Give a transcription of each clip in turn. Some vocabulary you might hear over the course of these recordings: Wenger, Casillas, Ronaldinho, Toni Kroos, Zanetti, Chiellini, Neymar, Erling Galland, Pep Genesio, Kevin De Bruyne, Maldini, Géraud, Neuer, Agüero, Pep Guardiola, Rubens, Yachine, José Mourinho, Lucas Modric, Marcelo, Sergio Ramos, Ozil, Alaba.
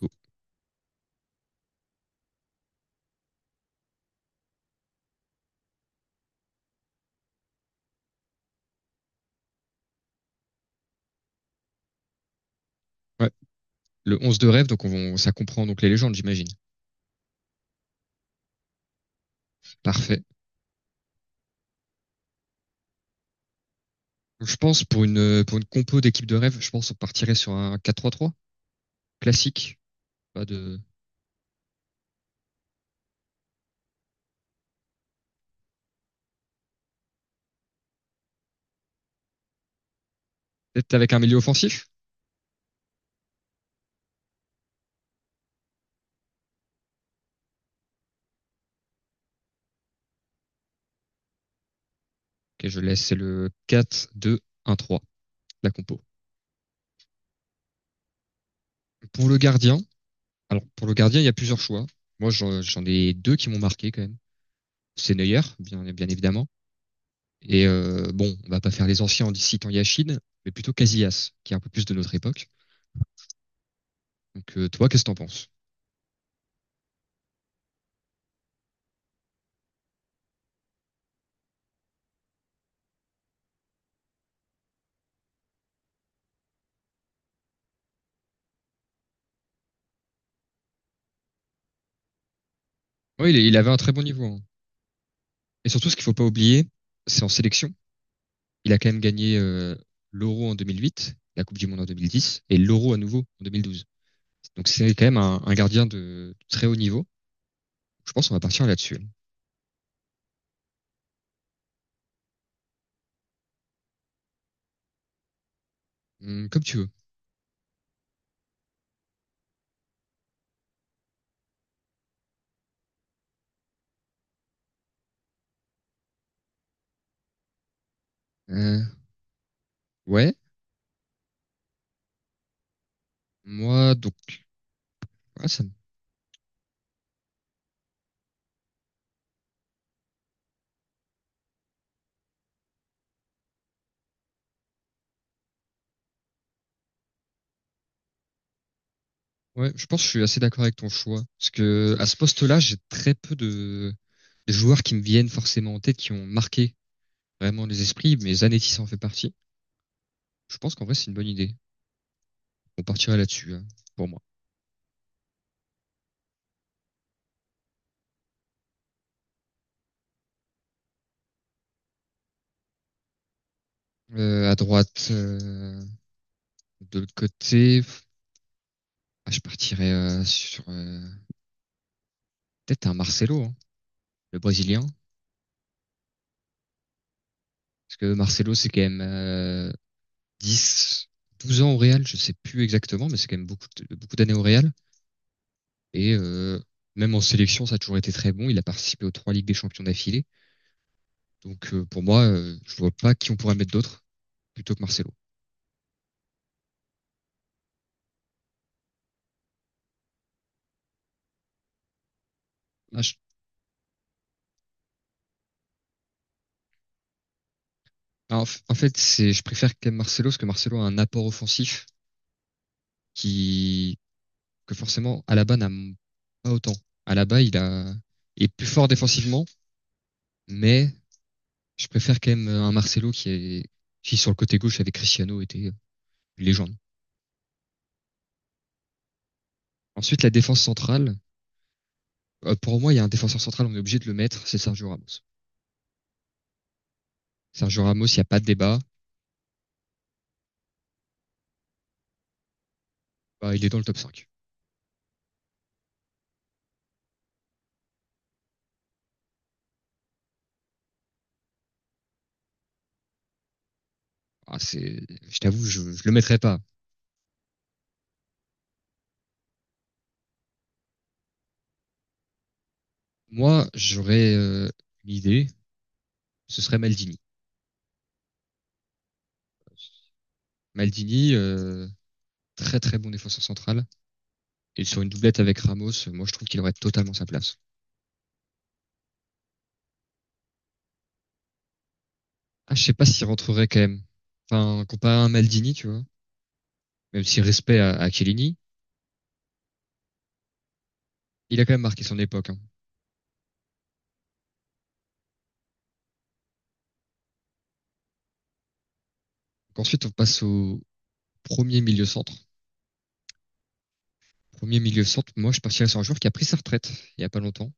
Cool. Ouais. Le 11 de rêve, ça comprend donc les légendes, j'imagine. Parfait. Donc, je pense pour une compo d'équipe de rêve, je pense on partirait sur un 4-3-3 classique, pas de peut-être avec un milieu offensif. Ok, je laisse c'est le 4-2-1-3 la compo. Pour le gardien, alors pour le gardien, il y a plusieurs choix. Moi, j'en ai deux qui m'ont marqué quand même. C'est Neuer, bien bien évidemment. Et bon, on va pas faire les anciens en citant Yachine, mais plutôt Casillas, qui est un peu plus de notre époque. Donc toi, qu'est-ce que t'en penses? Oui, il avait un très bon niveau, hein. Et surtout, ce qu'il faut pas oublier, c'est en sélection. Il a quand même gagné l'Euro en 2008, la Coupe du Monde en 2010 et l'Euro à nouveau en 2012. Donc c'est quand même un gardien très haut niveau. Je pense qu'on va partir là-dessus. Comme tu veux. Euh, ouais, moi donc ouais, ça ouais, je pense que je suis assez d'accord avec ton choix parce que à ce poste-là, j'ai très peu de joueurs qui me viennent forcément en tête qui ont marqué vraiment les esprits, mais Zanetti en fait partie. Je pense qu'en vrai c'est une bonne idée. On partirait là-dessus, hein, pour moi. À droite, de l'autre côté, je partirais sur peut-être un Marcelo, hein, le Brésilien. Parce que Marcelo, c'est quand même 10, 12 ans au Real, je sais plus exactement, mais c'est quand même beaucoup d'années au Real. Et même en sélection, ça a toujours été très bon. Il a participé aux trois Ligues des Champions d'affilée. Donc pour moi, je vois pas qui on pourrait mettre d'autre plutôt que Marcelo. Ah, je- en fait, c'est, je préfère quand même Marcelo parce que Marcelo a un apport offensif qui que forcément Alaba n'a pas autant. Alaba, il est plus fort défensivement, mais je préfère quand même un Marcelo qui sur le côté gauche avec Cristiano était une légende. Ensuite, la défense centrale. Pour moi, il y a un défenseur central, on est obligé de le mettre, c'est Sergio Ramos. Sergio Ramos, il n'y a pas de débat. Bah, il est dans le top cinq. Ah, c'est, je t'avoue, je le mettrais pas. Moi, j'aurais une idée, ce serait Maldini. Maldini, très très bon défenseur central. Et sur une doublette avec Ramos, moi je trouve qu'il aurait totalement sa place. Ah, je sais pas s'il rentrerait quand même. Enfin, comparé à un Maldini, tu vois, même si respect à Chiellini, il a quand même marqué son époque, hein. Donc ensuite, on passe au premier milieu centre. Premier milieu centre, moi, je partirais sur un joueur qui a pris sa retraite il y a pas longtemps,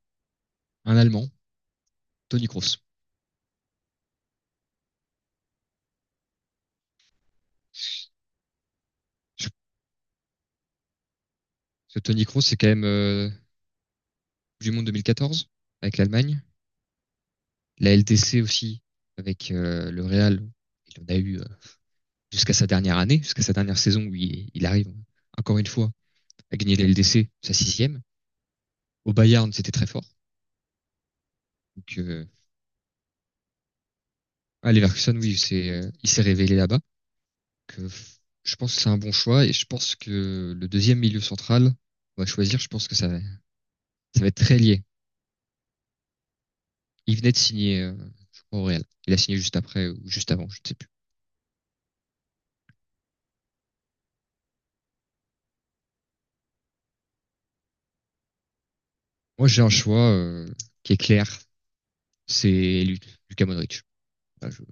un Allemand, Toni Kroos. Je- Ce Toni Kroos, c'est quand même du monde 2014 avec l'Allemagne, la LDC aussi avec le Real. Il en a eu jusqu'à sa dernière année, jusqu'à sa dernière saison où il arrive encore une fois à gagner la LDC, sa sixième. Au Bayern, c'était très fort. Donc, Leverkusen, oui, c'est, il s'est révélé là-bas. Donc, je pense que c'est un bon choix et je pense que le deuxième milieu central, on va choisir, je pense que ça va être très lié. Il venait de signer, je crois, au Real. Il a signé juste après ou juste avant, je ne sais plus. Moi, j'ai un choix qui est clair, c'est Lucas Modric. Là, je-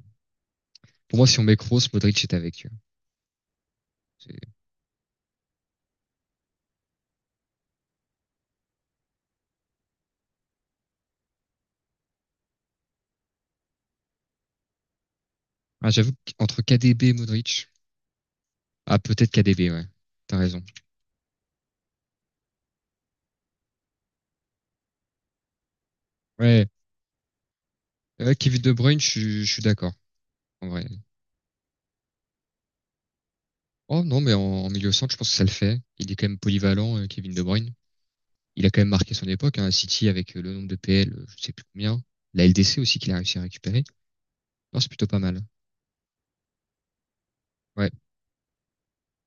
Pour moi, si on met Kroos, Modric est avec. C'est- Ah, j'avoue qu'entre KDB et Modric, ah peut-être KDB, ouais. T'as raison. Ouais, Kevin De Bruyne, je suis d'accord. En vrai, oh non, mais en milieu centre, je pense que ça le fait. Il est quand même polyvalent, Kevin De Bruyne. Il a quand même marqué son époque, hein, à City avec le nombre de PL, je sais plus combien. La LDC aussi qu'il a réussi à récupérer. Non, c'est plutôt pas mal. Ouais.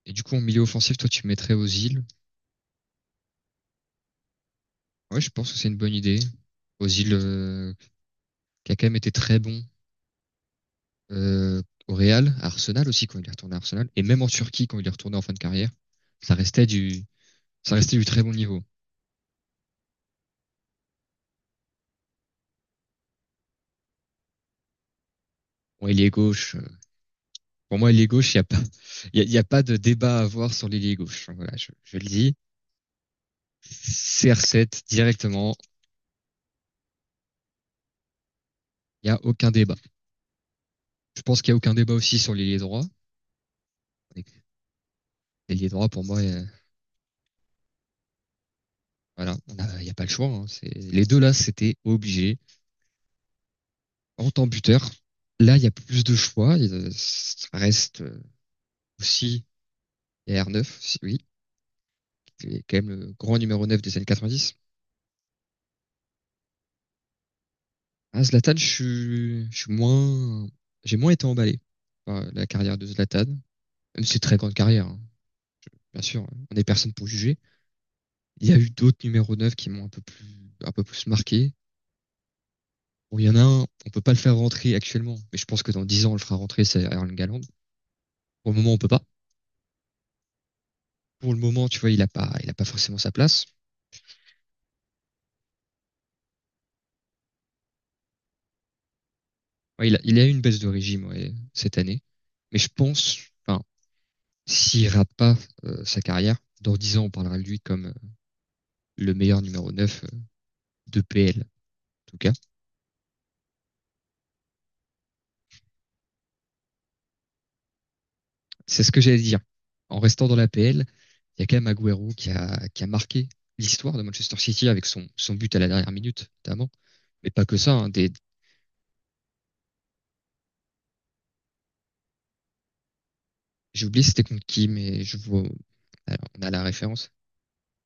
Et du coup, en milieu offensif, toi, tu mettrais Ozil. Ouais, je pense que c'est une bonne idée. Ozil, qui a quand même été très bon euh, au Real, à Arsenal aussi quand il est retourné à Arsenal, et même en Turquie quand il est retourné en fin de carrière, ça restait du, ça restait du très bon niveau. Bon, il est gauche, pour moi, ailier gauche, il n'y a pas, il y a, y a pas de débat à avoir sur l'ailier gauche. Voilà, je le dis. CR7 directement, il n'y a aucun débat. Je pense qu'il n'y a aucun débat aussi sur l'ailier droit. L'ailier droit, pour moi, voilà, il n'y a pas le choix, hein. Les deux là, c'était obligé. En tant buteur, là, il y a plus de choix. Il reste aussi R9, oui, qui est quand même le grand numéro 9 des années 90. Ah, Zlatan, j'ai moins été emballé par la carrière de Zlatan. Même ses très grande carrière, hein, bien sûr, on n'est personne pour juger. Il y a eu d'autres numéros 9 qui m'ont un peu plus marqué. Bon, il y en a un, on peut pas le faire rentrer actuellement, mais je pense que dans 10 ans, on le fera rentrer, c'est Erling Galland. Pour le moment, on peut pas. Pour le moment, tu vois, il a pas forcément sa place. Ouais, il a eu une baisse de régime, ouais, cette année. Mais je pense, enfin, s'il rate pas sa carrière, dans 10 ans, on parlera de lui comme le meilleur numéro 9 de PL, en tout cas. C'est ce que j'allais dire. En restant dans la l'APL, il y a quand même Agüero qui a marqué l'histoire de Manchester City avec son but à la dernière minute, notamment. Mais pas que ça, hein. J'ai oublié si c'était contre qui, mais je vois. Alors, on a la référence.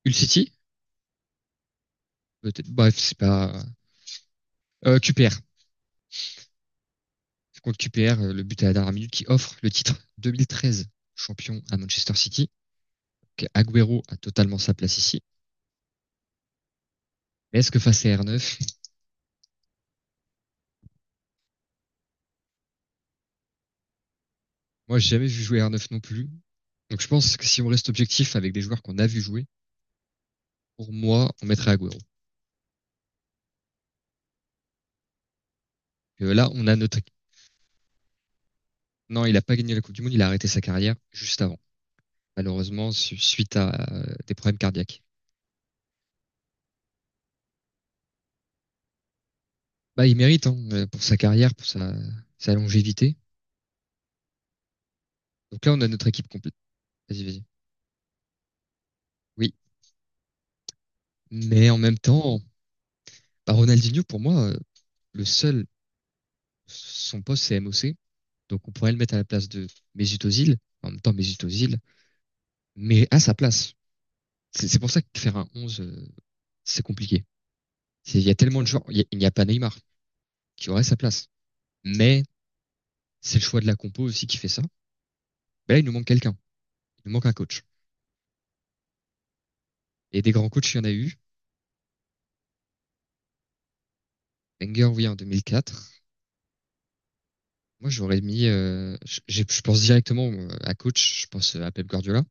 Hull City? Peut-être. Bref, c'est pas. QPR. C'est Contre QPR, le but à la dernière minute qui offre le titre 2013 champion à Manchester City. Donc, Agüero a totalement sa place ici. Mais est-ce que face à R9? Moi j'ai jamais vu jouer R9 non plus. Donc je pense que si on reste objectif avec des joueurs qu'on a vu jouer, pour moi, on mettrait Agüero. Là, on a notre. Non, il n'a pas gagné la Coupe du Monde, il a arrêté sa carrière juste avant, malheureusement, suite à des problèmes cardiaques. Bah, il mérite, hein, pour sa carrière, pour sa longévité. Donc là, on a notre équipe complète. Vas-y, vas-y. Oui, mais en même temps, bah, Ronaldinho, pour moi, le seul, son poste, c'est MOC. Donc on pourrait le mettre à la place de Mesut Özil. En même temps, Mesut Özil mais à sa place. C'est pour ça que faire un 11, c'est compliqué. Il y a tellement de joueurs. Il n'y a pas Neymar qui aurait sa place. Mais c'est le choix de la compo aussi qui fait ça. Mais là, il nous manque quelqu'un. Il nous manque un coach. Et des grands coachs, il y en a eu. Wenger, oui, en 2004. Moi, j'aurais mis, je pense directement à coach, je pense à Pep Guardiola.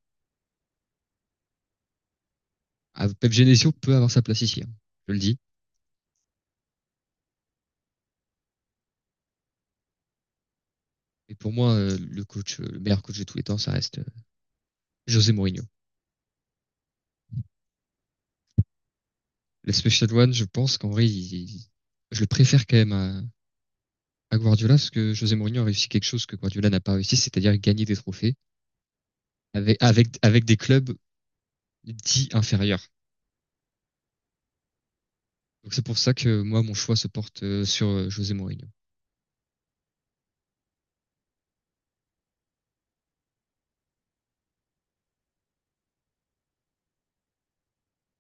À Pep Genesio peut avoir sa place ici, hein. Je le dis. Et pour moi, le coach, le meilleur coach de tous les temps, ça reste José Mourinho. Le Special One, je pense qu'en vrai, je le préfère quand même à Guardiola, parce que José Mourinho a réussi quelque chose que Guardiola n'a pas réussi, c'est-à-dire gagner des trophées avec des clubs dits inférieurs. Donc c'est pour ça que moi, mon choix se porte sur José Mourinho.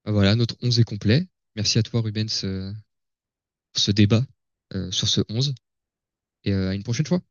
Ah, voilà, notre 11 est complet. Merci à toi, Rubens, pour ce débat sur ce 11 et à une prochaine fois.